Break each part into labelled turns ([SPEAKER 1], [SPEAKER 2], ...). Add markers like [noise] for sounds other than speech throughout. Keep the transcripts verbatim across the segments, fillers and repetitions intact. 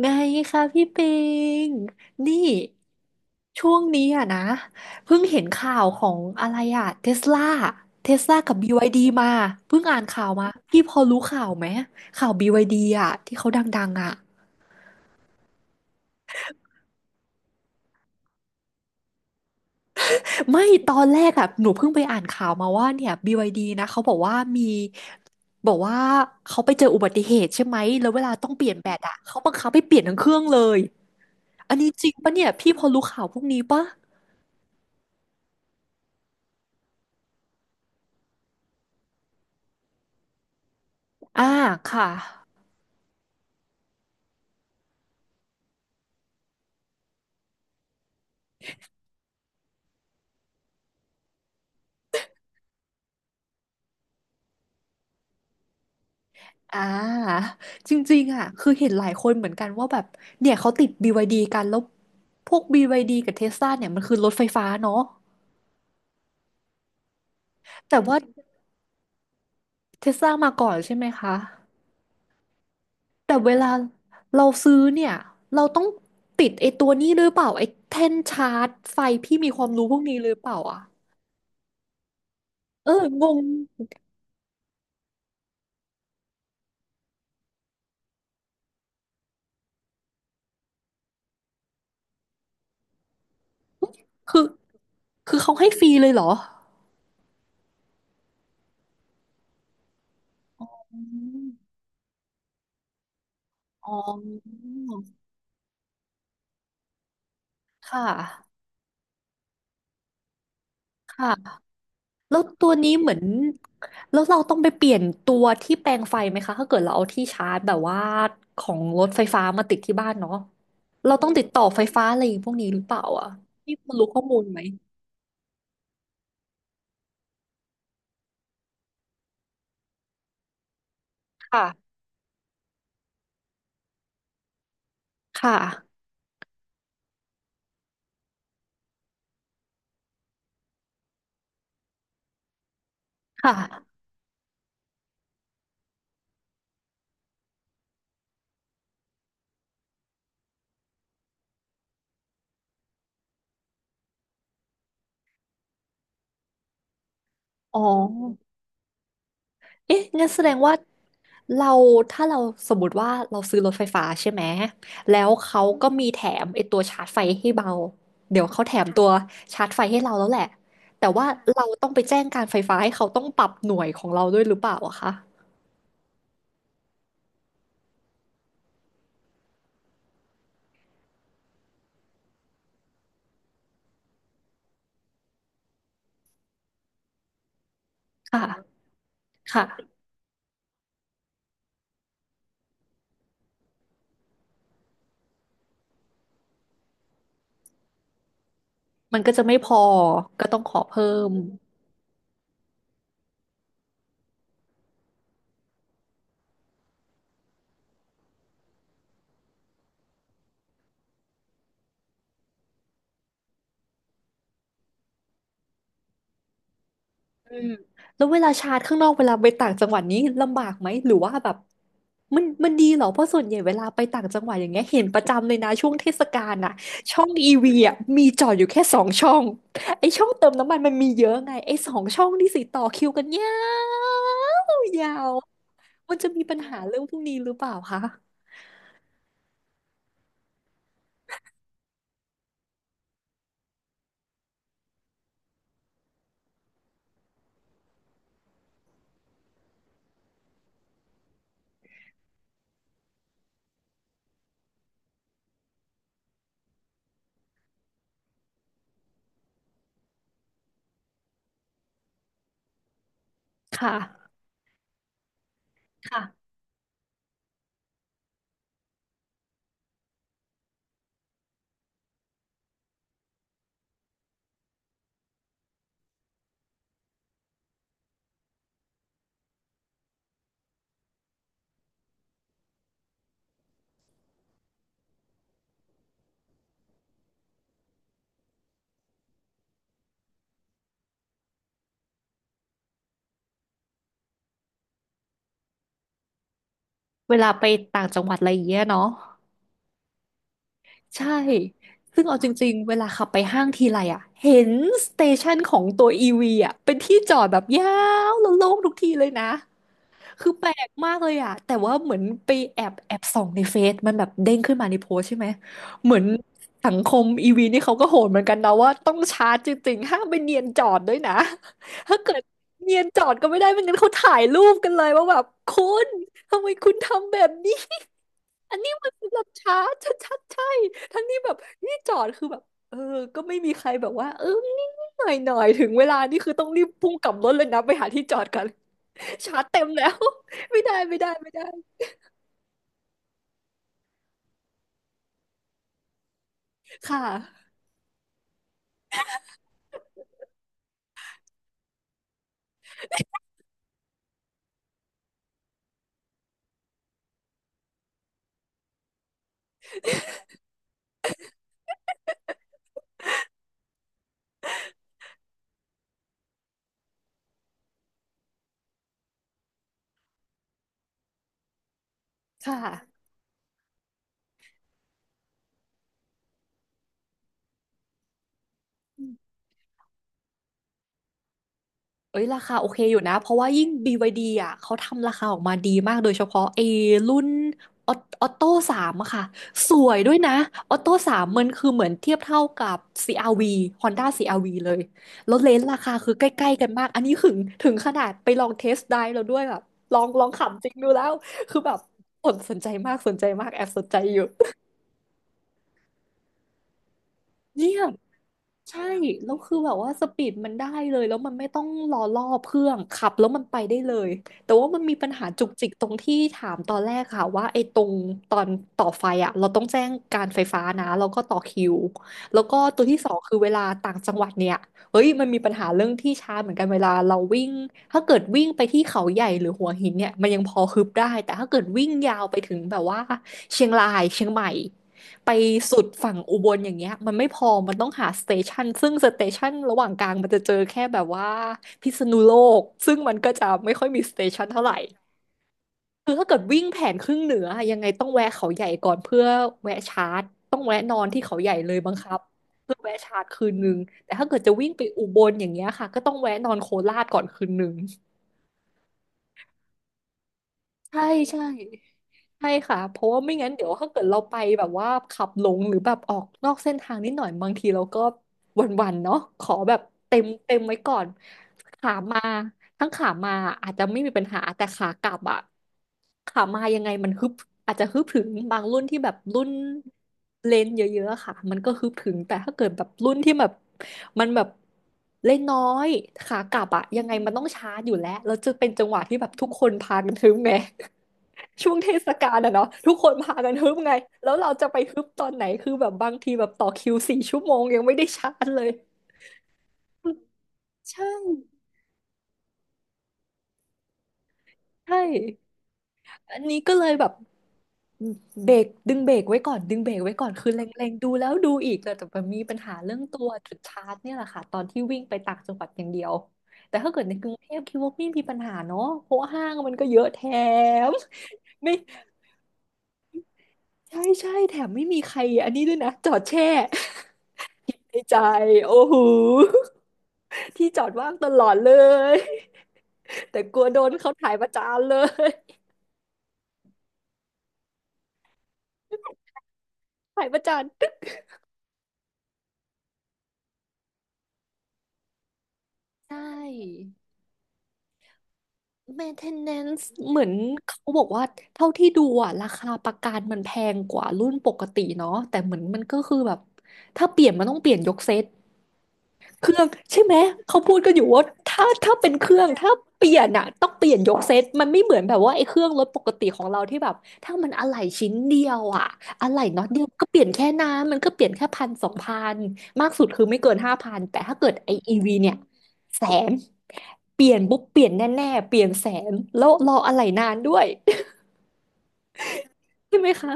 [SPEAKER 1] ไงคะพี่ปิงนี่ช่วงนี้อะนะเพิ่งเห็นข่าวของอะไรอะเทสลาเทสลากับบีวายดีมาเพิ่งอ่านข่าวมาพี่พอรู้ข่าวไหมข่าว บี วาย ดี อะที่เขาดังๆอะไม่ตอนแรกอะหนูเพิ่งไปอ่านข่าวมาว่าเนี่ย บี วาย ดี นะเขาบอกว่ามีบอกว่าเขาไปเจออุบัติเหตุใช่ไหมแล้วเวลาต้องเปลี่ยนแบตอะเขาบังคับให้เปลี่ยนทั้งเครื่องเลยอันนี้จริงปะเนี่ยพี่พอรู้ข่าวพวกนี้ปะอ่าค่ะ อ่าจริงๆอ่ะคือเห็นหลายคนเหมือนกันว่าแบบเนี่ยเขาติด บี วาย ดี กันแล้วพวก บี วาย ดี กับเทสลาเนี่ยมันคือรถไฟฟ้าเนาะแต่ว่าเทสลามาก่อนใช่ไหมคะแต่เวลาเราซื้อเนี่ยเราต้องติดไอ้ตัวนี้หรือเปล่าไอ้แท่นชาร์จไฟพี่มีความรู้พวกนี้หรือเปล่าอ่ะเอองงคือคือเขาให้ฟรีเลยเหรออืมอ๋อค่ะค่ะ แล้วตัวนี้เหมือนแล้วเราต้องไปเปลี่ยนตัวที่แปลงไฟไหมคะถ้าเกิดเราเอาที่ชาร์จแบบว่าของรถไฟฟ้ามาติดที่บ้านเนาะเราต้องติดต่อไฟฟ้าอะไรพวกนี้หรือเปล่าอ่ะพี่คุณรู้ข้อมูลไหมค่ะค่ะค่ะอ๋อ เอ๊ะงั้นแสดงว่าเราถ้าเราสมมติว่าเราซื้อรถไฟฟ้าใช่ไหมแล้วเขาก็มีแถมไอตัวชาร์จไฟให้เราเดี๋ยวเขาแถมตัวชาร์จไฟให้เราแล้วแหละแต่ว่าเราต้องไปแจ้งการไฟฟ้าให้เขาต้องปรับหน่วยของเราด้วยหรือเปล่าอะคะค่ะค่ะมันก็จะไม่พอก็ต้องขอเพิ่ม อืมแล้วเวลาชาร์จข้างนอกเวลาไปต่างจังหวัดนี้ลำบากไหมหรือว่าแบบมันมันดีเหรอเพราะส่วนใหญ่เวลาไปต่างจังหวัดอย่างเงี้ยเห็นประจำเลยนะช่วงเทศกาลน่ะช่องอีวีอ่ะมีจอดอยู่แค่สองช่องไอช่องเติมน้ำมันมันมีเยอะไงไอสองช่องนี่สิต่อคิวกันยาวยาวมันจะมีปัญหาเรื่องพวกนี้หรือเปล่าคะค่ะค่ะเวลาไปต่างจังหวัดอะไรอย่างเงี้ยเนาะ ใช่ ซึ่งเอาจริงๆเวลาขับไปห้างทีไรอ่ะเห็นสเตชันของตัวอีวีอ่ะเป็นที่จอดแบบยาวแล้วโล่งทุกทีเลยนะ คือแปลกมากเลยอ่ะแต่ว่าเหมือนไปแอบแอบส่องในเฟซมันแบบเด้งขึ้นมาในโพสต์ใช่ไหม เหมือนสังคมอีวีนี่เขาก็โหดเหมือนกันนะว่าต้องชาร์จจริงๆ ห้ามไปเนียนจอดด้วยนะ ถ้าเกิดเนียนจอดก็ไม่ได้ไม่งั้นเขาถ่ายรูปกันเลยว่าแบบคุณทำไมคุณทำแบบนี้ อันนี้มันสำหรับช้าชัดๆใช่ทั้งที่แบบนี่จอดคือแบบเออก็ไม่มีใครแบบว่าเออนี่หน่อยหน่อยๆถึงเวลานี่คือต้องรีบพุ่งกลับรถเลยนะไปหาที่จอดกัน [laughs] ชาร์จเต็มแล้ว [laughs] ไม่ได้ไม่ได้ไม่ได้ค่ะค่ะ เอ้ยราคาโอเคอยู่นะเพราะว่ายิ่ง บี วาย ดี อ่ะเขาทำราคาออกมาดีมากโดยเฉพาะไอ้รุ่นออออโต้สามอะค่ะสวยด้วยนะออโต้สามมันคือเหมือนเทียบเท่ากับ ซี อาร์-V Honda ซี อาร์-V เลยแล้วเลนส์ราคาคือใกล้ๆกันมากอันนี้ถึงถึงขนาดไปลองเทสไดรฟ์แล้วด้วยแบบลองลองขับจริงดูแล้วคือแบบสนสนใจมากสนใจมากแอบสนใจอยู่เนี่ย ใช่ แล้วคือแบบว่าสปีดมันได้เลยแล้วมันไม่ต้องรอรอบเครื่อง ขับแล้วมันไปได้เลย แต่ว่ามันมีปัญหาจุกจิกตรงที่ถามตอนแรกค่ะว่าไอ้ตรงตอนต่อไฟอ่ะเราต้องแจ้งการไฟฟ้านะแล้วก็ต่อคิวแล้วก็ตัวที่สองคือเวลาต่างจังหวัดเนี่ย เฮ้ยมันมีปัญหาเรื่องที่ชาเหมือนกันเวลาเราวิ่ง ถ้าเกิดวิ่งไปที่เขาใหญ่หรือหัวหินเนี่ย มันยังพอฮึบได้ แต่ถ้าเกิดวิ่งยาวไปถึงแบบว่าเชียงรายเชียงใหม่ไปสุดฝั่งอุบลอย่างเงี้ยมันไม่พอมันต้องหาสเตชันซึ่งสเตชันระหว่างกลางมันจะเจอแค่แบบว่าพิษณุโลก ซึ่งมันก็จะไม่ค่อยมีสเตชันเท่าไหร่ คือถ้าเกิดวิ่งแผนครึ่งเหนืออะยังไงต้องแวะเขาใหญ่ก่อนเพื่อแวะชาร์จต้องแวะนอนที่เขาใหญ่เลยบังคับเพื่อแวะชาร์จคืนนึงแต่ถ้าเกิดจะวิ่งไปอุบลอย่างเงี้ยค่ะก็ต้องแวะนอนโคราชก่อนคืนนึง ใช่ใช่ใช่ค่ะเพราะว่าไม่งั้นเดี๋ยวถ้าเกิดเราไปแบบว่าขับหลงหรือแบบออกนอกเส้นทางนิดหน่อยบางทีเราก็หวันๆเนาะขอแบบเต็มเต็มไว้ก่อนขามาทั้งขามาอาจจะไม่มีปัญหาแต่ขากลับอะขามายังไงมันฮึบอาจจะฮึบถึงบางรุ่นที่แบบรุ่น เลนส์เยอะๆอะค่ะ มันก็ฮึบถึง แต่ถ้าเกิดแบบรุ่นที่แบบมันแบบเล่นน้อยขากลับอะยังไงมันต้องช้าอยู่แล้วแล้วจะเป็นจังหวะที่แบบทุกคนพากันฮึบไง [laughs] ช่วงเทศกาลอะเนาะทุกคนพากันฮึบไงแล้วเราจะไปฮึบตอนไหนคือแบบบางทีแบบต่อคิวสี่ชั่วโมงยังไม่ได้ชาร์จเลยใช่ใช่ อันนี้ก็เลยแบบเบรกดึงเบรกไว้ก่อนดึงเบรกไว้ก่อนคือเล็งๆดูแล้วดูอีกแต่แต่มันมีปัญหาเรื่องตัวจุดชาร์จเนี่ยแหละค่ะตอนที่วิ่งไปต่างจังหวัดอย่างเดียวแต่ถ้าเกิดในกรุงเทพคิดว่าไม่มีปัญหาเนาะเพราะว่าห้างมันก็เยอะแถม [laughs] ไม่ใช่ใช่แถมไม่มีใครอันนี้ด้วยนะจอดแช่ [laughs] คิดในใจโอ้โหที่จอดว่างตลอดเลยแต่กลัวโดนเขาถ่ายประจานเลยถ่ายประจานใช่ maintenance เหมือนเขาบอกว่าเท่าที่ดูอ่ะราคาประกันมันแพงกว่ารุ่นปกติเนาะแต่เหมือนมันก็คือแบบถ้าเปลี่ยนมันต้องเปลี่ยนยกเซต เครื่องใช่ไหมเขาพูดกันอยู่ว่าถ้าถ้าเป็นเครื่องถ้าเปลี่ยนอะต้องเปลี่ยนยกเซตมันไม่เหมือนแบบว่าไอ้เครื่องรถปกติของเราที่แบบถ้ามันอะไหล่ชิ้นเดียวอะอะไหล่น็อตเดียวก็เปลี่ยนแค่น้ำมันก็เปลี่ยนแค่พันสองพันมากสุดคือไม่เกินห้าพันแต่ถ้าเกิดไออีวีเนี่ยแสนเปลี่ยนปุ๊บเปลี่ยนแน่ๆเปลี่ยนแสนแล้วรออะไหล่นานด้วย [laughs] ใช่ไหมคะ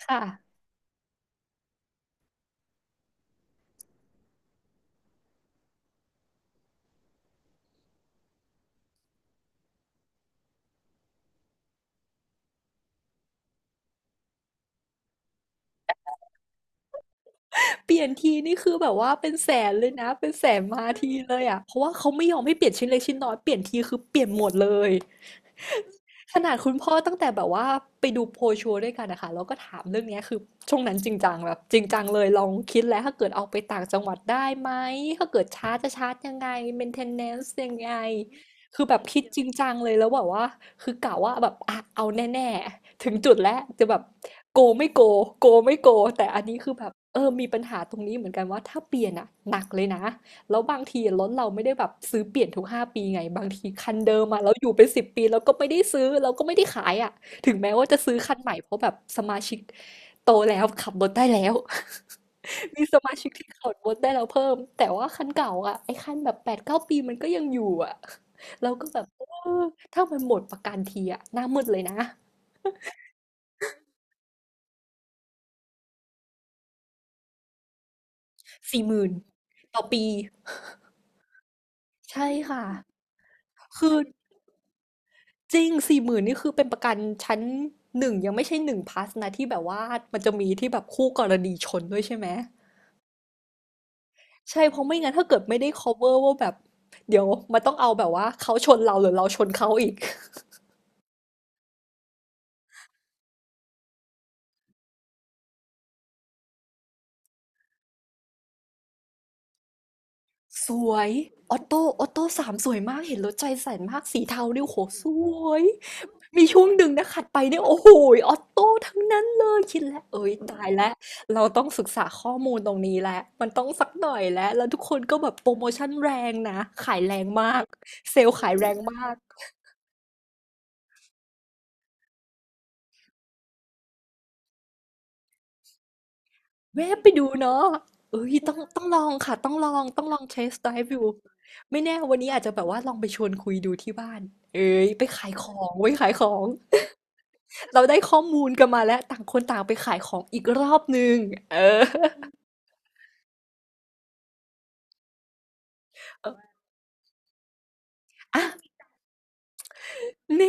[SPEAKER 1] ค่ะ เปลี่ยนทีนี่คือแบบว่าเป็นแสนเลยนะเป็นแสนมาทีเลยอ่ะเพราะว่าเขาไม่ยอมให้เปลี่ยนชิ้นเล็กชิ้นน้อยเปลี่ยนทีคือเปลี่ยนหมดเลย ขนาดคุณพ่อตั้งแต่แบบว่าไปดูโพลชัวร์ด้วยกันนะคะแล้วก็ถามเรื่องเนี้ยคือช่วงนั้นจริงจังแบบจริงจังเลยลองคิดแล้วถ้าเกิดเอาไปต่างจังหวัดได้ไหมถ้าเกิดชาร์จจะชาร์จยังไง maintenance ยังไงคือแบบคิดจริงจังเลยแล้วแบบว่าคือกะว่าแบบอ่ะเอาแน่ๆถึงจุดแล้วจะแบบโกไม่โกโกไม่โกแต่อันนี้คือแบบเออมีปัญหาตรงนี้เหมือนกันว่าถ้าเปลี่ยนอะหนักเลยนะ แล้วบางทีรถเราไม่ได้แบบซื้อเปลี่ยนทุกห้าปีไงบางทีคันเดิมอะเราอยู่เป็นสิบปีเราก็ไม่ได้ซื้อเราก็ไม่ได้ขายอะถึงแม้ว่าจะซื้อคันใหม่เพราะแบบสมาชิกโตแล้วขับรถได้แล้ว [laughs] มีสมาชิกที่ขับรถได้แล้วเพิ่มแต่ว่าคันเก่าอะไอ้คันแบบแปดถึงเก้าปีมันก็ยังอยู่อะเราก็แบบเออถ้ามันหมดประกันทีอะหน้ามืดเลยนะสี่หมื่นต่อปีใช่ค่ะคือ จริงสี่หมื่นนนี่คือเป็นประกันชั้นหนึ่งยังไม่ใช่หนึ่งพล u สนะที่แบบว่ามันจะมีที่แบบคู่กรณีชนด้วยใช่ไหมใช่เพราะไม่งั้นถ้าเกิดไม่ได้ cover ว่าแบบเดี๋ยวมันต้องเอาแบบว่าเขาชนเราหรือเราชนเขาอีก [laughs] สวยออโต้ออโต้สามสวยมากเห็นรถใจแสนมากสีเทาดิวโหสวย มีช่วงหนึ่งนะขัดไปเนี่ยโอ้โฮออตโต้ทั้งนั้นเลยคิดแล้วเอ๊ยตายแล้วเราต้องศึกษาข้อมูลตรงนี้แล้วมันต้องสักหน่อยแล้วแล้วทุกคนก็แบบโพรโมชันแรงนะขายแรงมากเซลล์ขายแรงมากแวะไปดูเนาะเอ๊ยต้องต้องลองค่ะต้องลองต้องลอง เทสต์ไดรฟ์ ดูไม่แน่วันนี้อาจจะแบบว่าลองไปชวนคุยดูที่บ้านเอ๊ยไปขายของไว้ขายของเราได้ข้อมูลกันมาแล้วต่างคนต่างไปขายของอีกรอบหนึ่งเอออะ นี่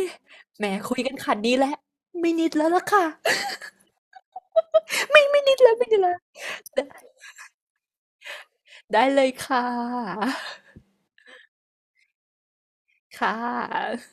[SPEAKER 1] แหมคุยกันขนาดนี้แล้วไม่นิดแล้วล่ะค่ะนิดแล้วไม่นิดแล้วไดได้เลยค่ะค่ะ